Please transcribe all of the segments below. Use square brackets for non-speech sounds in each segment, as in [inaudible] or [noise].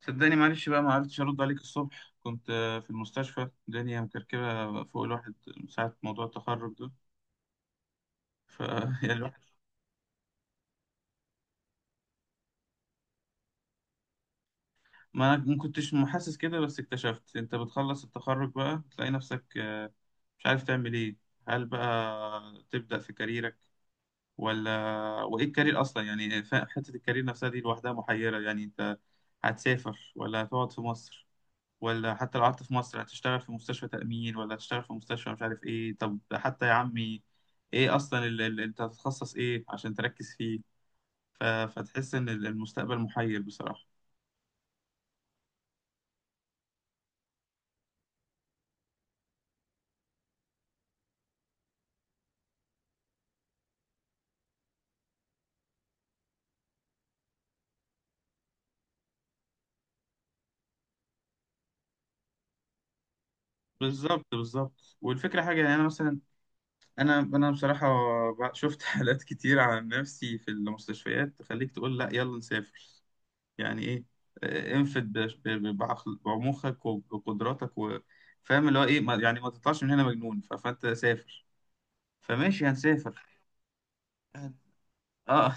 صدقني، معلش بقى ما عرفتش ارد عليك الصبح. كنت في المستشفى، الدنيا مكركبه فوق الواحد من ساعه، موضوع التخرج ده ف [laughs] يعني الواحد. ما انا ما كنتش محسس كده، بس اكتشفت انت بتخلص التخرج بقى تلاقي نفسك مش عارف تعمل ايه. هل بقى تبدا في كاريرك ولا؟ وايه الكارير اصلا؟ يعني حته الكارير نفسها دي لوحدها محيره. يعني انت هتسافر ولا هتقعد في مصر؟ ولا حتى لو قعدت في مصر هتشتغل في مستشفى تأمين ولا هتشتغل في مستشفى مش عارف ايه؟ طب حتى يا عمي، ايه اصلا انت هتتخصص ايه عشان تركز فيه؟ ف فتحس ان المستقبل محير بصراحة. بالظبط بالظبط، والفكرة حاجة يعني. انا مثلا، انا بصراحة شفت [laughs] حالات كتير عن نفسي في المستشفيات تخليك تقول لا، يلا نسافر. يعني ايه؟ انفد بعمقك وبقدراتك، وفاهم اللي هو ايه، يعني ما تطلعش من هنا مجنون. فانت سافر. فماشي، هنسافر. اه،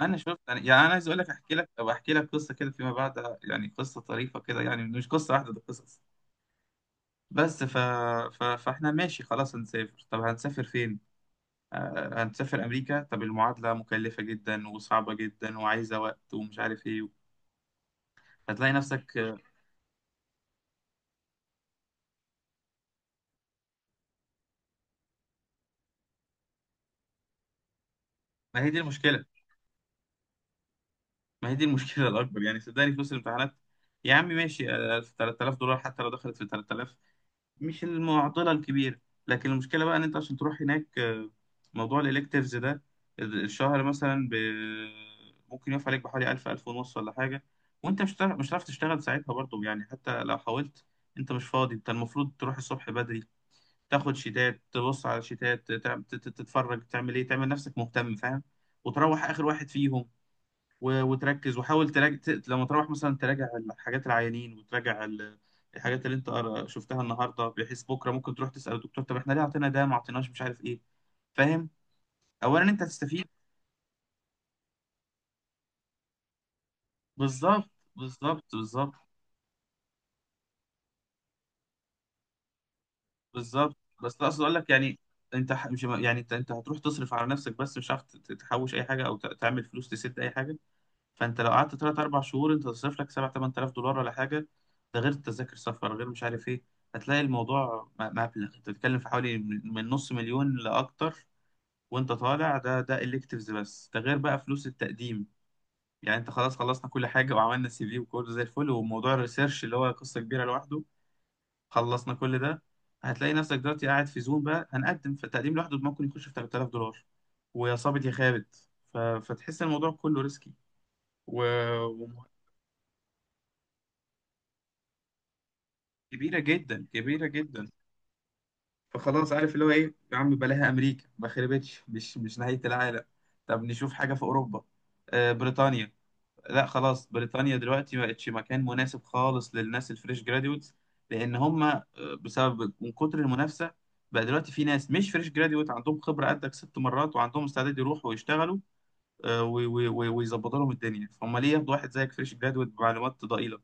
انا شفت يعني، يعني انا عايز اقول لك، احكي لك أو احكي لك قصه كده فيما بعد، يعني قصه طريفه كده، يعني مش قصه واحده، ده قصص. بس فاحنا ماشي خلاص، هنسافر. طب هنسافر فين؟ آه هنسافر امريكا. طب المعادله مكلفه جدا وصعبه جدا وعايزه وقت ومش عارف ايه. هتلاقي نفسك ما هي دي المشكله. ما هي دي المشكله [laughs] الاكبر. يعني صدقني فلوس الامتحانات، يا عم ماشي، 3000 دولار حتى لو دخلت في 3000، مش المعضله الكبيره. لكن المشكله بقى ان انت عشان تروح هناك، موضوع الالكتيفز ده، الشهر مثلا ممكن يقف عليك بحوالي 1000، 1000 ونص ولا حاجه. وانت مش هتعرف، تشتغل ساعتها برضه. يعني حتى لو حاولت، انت مش فاضي. انت المفروض تروح الصبح بدري، تاخد شيتات، تبص على شيتات، تتفرج، تعمل ايه، تعمل نفسك مهتم، فاهم، وتروح اخر واحد فيهم، وتركز وحاول تراجع. لما تروح مثلا، تراجع الحاجات العيانين، وتراجع الحاجات اللي انت شفتها النهارده، بحيث بكره ممكن تروح تسأل الدكتور طب احنا ليه اعطينا ده، ما اعطيناش، مش عارف ايه، فاهم. اولا انت هتستفيد. بالظبط بالظبط، بالظبط بالظبط. بس اقصد اقول لك يعني، انت مش يعني، انت هتروح تصرف على نفسك بس، مش عارف تحوش اي حاجه او تعمل فلوس تسد اي حاجه. فانت لو قعدت تلات اربع شهور، انت تصرف لك 7 8000 دولار ولا حاجه. ده غير تذاكر سفر، غير مش عارف ايه. هتلاقي الموضوع مبلغ. انت بتتكلم في حوالي من نص مليون لاكتر، وانت طالع. ده electives، بس ده غير بقى فلوس التقديم. يعني انت خلاص، خلصنا كل حاجه وعملنا سي في وكله زي الفل، وموضوع الريسيرش اللي هو قصه كبيره لوحده، خلصنا كل ده، هتلاقي نفسك دلوقتي قاعد في زوم، بقى هنقدم. فالتقديم لوحده ممكن يخش في 3000 دولار، ويا صابت يا خابت. فتحس الموضوع كله ريسكي، و... كبيرة جدا، كبيرة جدا. فخلاص، عارف اللي هو ايه، يا عم بلاها امريكا، ما خربتش، مش نهاية العالم. طب نشوف حاجة في اوروبا. آه، بريطانيا. لا خلاص، بريطانيا دلوقتي ما بقتش مكان مناسب خالص للناس الفريش جراديوتس، لان هم بسبب من كتر المنافسة، بقى دلوقتي في ناس مش فريش جراديوت عندهم خبرة قدك 6 مرات، وعندهم استعداد يروحوا ويشتغلوا ويظبطوا لهم الدنيا، فهم ليه ياخدوا واحد زيك فريش جراديوت بمعلومات ضئيلة؟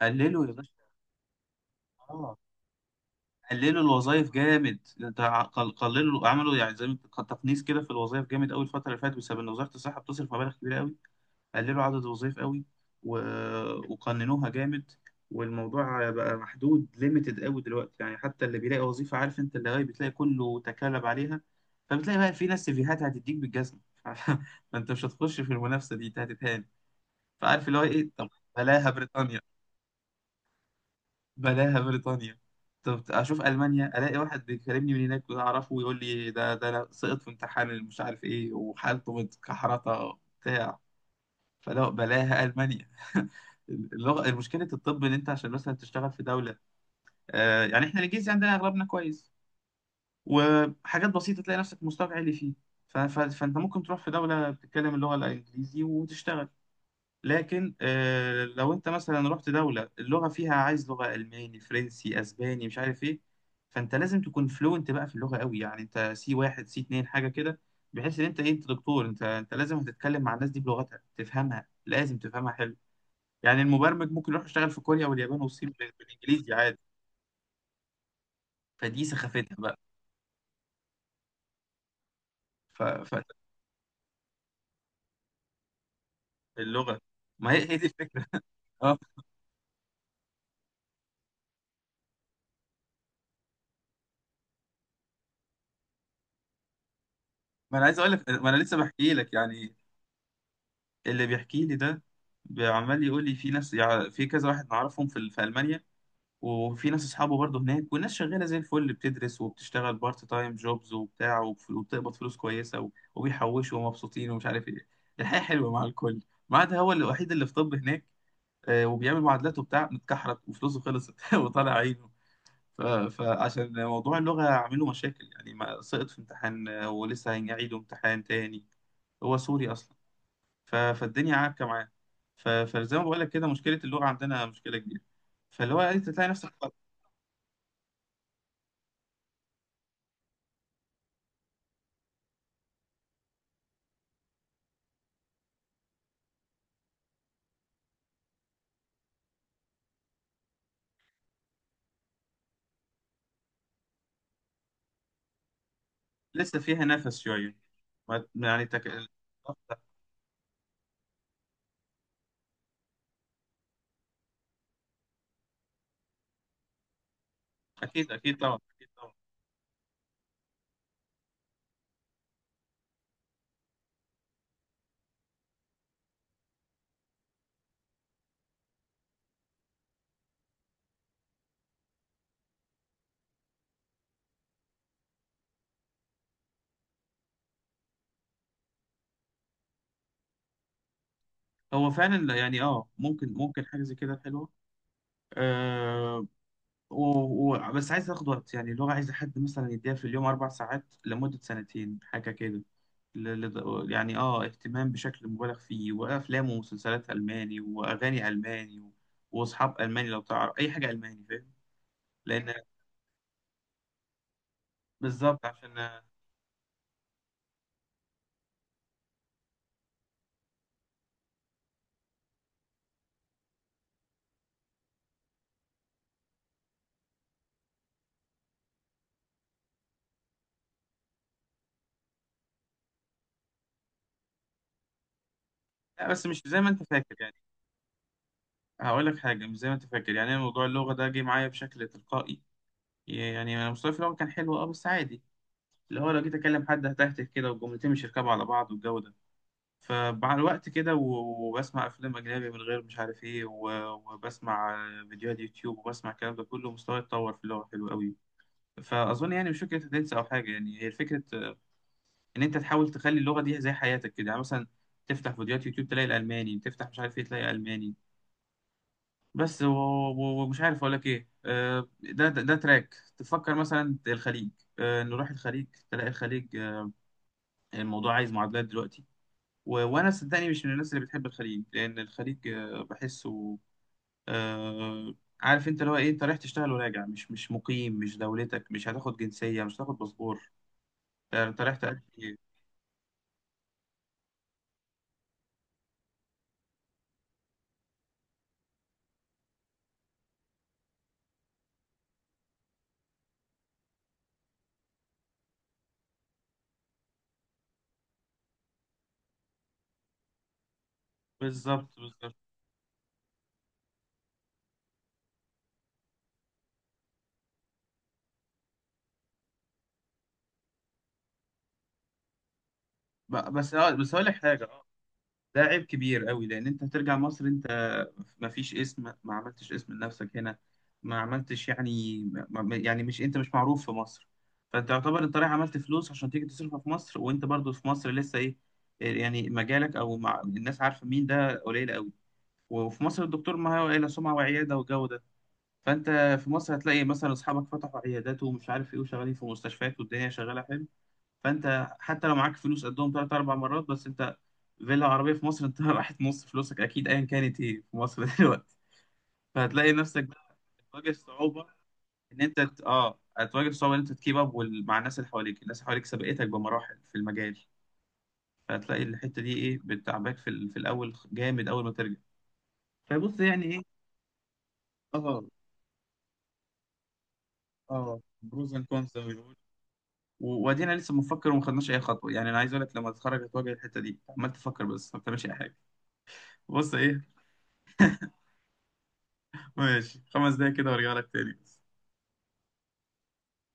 فقللوا يا باشا. اه، قللوا الوظائف جامد. انت قللوا، عملوا يعني زي ما تقنيس كده في الوظائف جامد قوي الفتره اللي فاتت، بسبب ان وزاره الصحه بتصرف مبالغ كبيره قوي. قللوا عدد الوظائف قوي، و... وقننوها جامد، والموضوع بقى محدود، ليميتد قوي دلوقتي. يعني حتى اللي بيلاقي وظيفه، عارف انت، اللي هي بتلاقي كله تكالب عليها. فبتلاقي بقى في ناس سيفيهات هتديك بالجزمه [laughs] فانت مش هتخش في المنافسه دي، انت هتتهان. فعارف اللي هو ايه، طب بلاها بريطانيا، بلاها بريطانيا. طب اشوف المانيا، الاقي واحد بيكلمني من هناك اعرفه ويقول لي ده انا سقط في امتحان اللي مش عارف ايه، وحالته متكحرطه بتاع. فلا بلاها المانيا [laughs] اللغه مشكله الطب، ان انت عشان مثلا تشتغل في دوله، آه، يعني احنا الانجليزي عندنا اغلبنا كويس، وحاجات بسيطه تلاقي نفسك مستواك عالي فيه. فانت ممكن تروح في دوله بتتكلم اللغه الانجليزي وتشتغل. لكن لو انت مثلا رحت دولة اللغة فيها عايز لغة ألماني، فرنسي، أسباني، مش عارف ايه، فانت لازم تكون فلوينت بقى في اللغة قوي، يعني انت سي واحد، سي اتنين، حاجة كده، بحيث ان انت ايه، انت دكتور، انت لازم هتتكلم مع الناس دي بلغتها، تفهمها، لازم تفهمها حلو. يعني المبرمج ممكن يروح يشتغل في كوريا واليابان والصين بالانجليزي عادي. فدي سخافتها بقى. ف... فاللغة. ما هي هي دي الفكرة [laughs] اه. ما انا عايز اقول لك، ما انا لسه بحكي لك يعني. اللي بيحكي لي ده عمال يقول لي في ناس، يعني في كذا واحد نعرفهم في ألمانيا، وفي ناس اصحابه برضه هناك، والناس شغاله زي الفل، بتدرس وبتشتغل بارت تايم جوبز وبتاع، وبتقبض فلوس كويسه، وبيحوشوا، ومبسوطين، ومش عارف ايه. الحياه حلوه مع الكل، ما عدا هو الوحيد اللي في طب هناك، وبيعمل معادلات وبتاع، متكحرت وفلوسه خلصت [laughs] وطالع عينه. ف- فعشان موضوع اللغه عامله مشاكل يعني، ما سقط في امتحان ولسه هيعيدوا امتحان تاني. هو سوري اصلا. فالدنيا عكه معاه. فزي ما بقول لك كده، مشكله اللغه عندنا مشكله كبيره. فاللي هو إيه، انت تلاقي نفسك لسه فيها نفس شويه. يعني اكيد اكيد، طبعا اكيد طبعا. هو فعلا يعني اه، ممكن، حاجه زي كده حلوه، آه، و... بس عايز تاخد وقت. يعني اللغة عايزة حد مثلا يديها في اليوم 4 ساعات لمدة سنتين، حاجة كده. يعني آه، اهتمام بشكل مبالغ فيه، وأفلام ومسلسلات ألماني، وأغاني ألماني، وأصحاب ألماني. لو تعرف أي حاجة ألماني، فاهم. لأن، بالظبط عشان، لا بس مش زي ما أنت فاكر يعني، هقول لك حاجة، مش زي ما أنت فاكر يعني، أنا موضوع اللغة ده جه معايا بشكل تلقائي. يعني أنا مستواي في اللغة كان حلو، أه بس عادي، اللي هو لو جيت أكلم حد هتهته كده، والجملتين مش يركبوا على بعض، والجو ده. فمع الوقت كده، وبسمع أفلام أجنبي من غير مش عارف إيه، وبسمع فيديوهات يوتيوب، وبسمع الكلام ده كله، مستواي اتطور في اللغة حلو قوي. فأظن يعني مش فكرة تنسى أو حاجة. يعني هي الفكرة إن أنت تحاول تخلي اللغة دي زي حياتك كده، يعني مثلا تفتح فيديوهات يوتيوب تلاقي الألماني، تفتح مش عارف إيه تلاقي ألماني بس، ومش عارف أقول لك إيه، ده تراك تفكر مثلا الخليج. نروح الخليج تلاقي الخليج، الموضوع عايز معادلات دلوقتي. و... وانا صدقني مش من الناس اللي بتحب الخليج، لان الخليج بحسه، آه، عارف انت اللي هو ايه، انت رايح تشتغل وراجع، مش مقيم، مش دولتك، مش هتاخد جنسية، مش هتاخد باسبور. انت رايح تأدي. بالظبط بالظبط. بس بس هقول لك حاجة، ده عيب كبير قوي، لان انت هترجع مصر، انت ما فيش اسم، ما عملتش اسم لنفسك هنا، ما عملتش يعني، يعني، مش انت، مش معروف في مصر. فانت يعتبر انت رايح عملت فلوس عشان تيجي تصرفها في مصر، وانت برضو في مصر لسه ايه، يعني مجالك، او مع الناس عارفه مين ده قليل قوي. وفي مصر الدكتور معاه الا سمعه وعياده والجو ده. فانت في مصر هتلاقي مثلا اصحابك فتحوا عيادات ومش عارف ايه، وشغالين في مستشفيات، والدنيا شغاله حلو. فانت حتى لو معاك فلوس قدهم تلات اربع مرات، بس انت فيلا عربيه في مصر انت [laughs] راحت نص فلوسك اكيد، ايا كانت ايه في مصر [laughs] دلوقتي. فهتلاقي نفسك بقى بتواجه صعوبه، ان انت اه هتواجه صعوبه ان انت تكيب اب مع الناس اللي حواليك. الناس اللي حواليك سبقتك بمراحل في المجال. فهتلاقي الحته دي ايه، بتعباك في في الاول جامد، اول ما ترجع. فبص يعني ايه. اه اه، بروز اند كونز زي ما بيقولوا. وادينا لسه بنفكر، وما خدناش اي خطوه. يعني انا عايز اقول لك، لما تتخرج هتواجه الحته دي، عمال تفكر بس ما بتعملش اي حاجه. بص ايه، ماشي 5 دقايق كده وارجع لك تاني.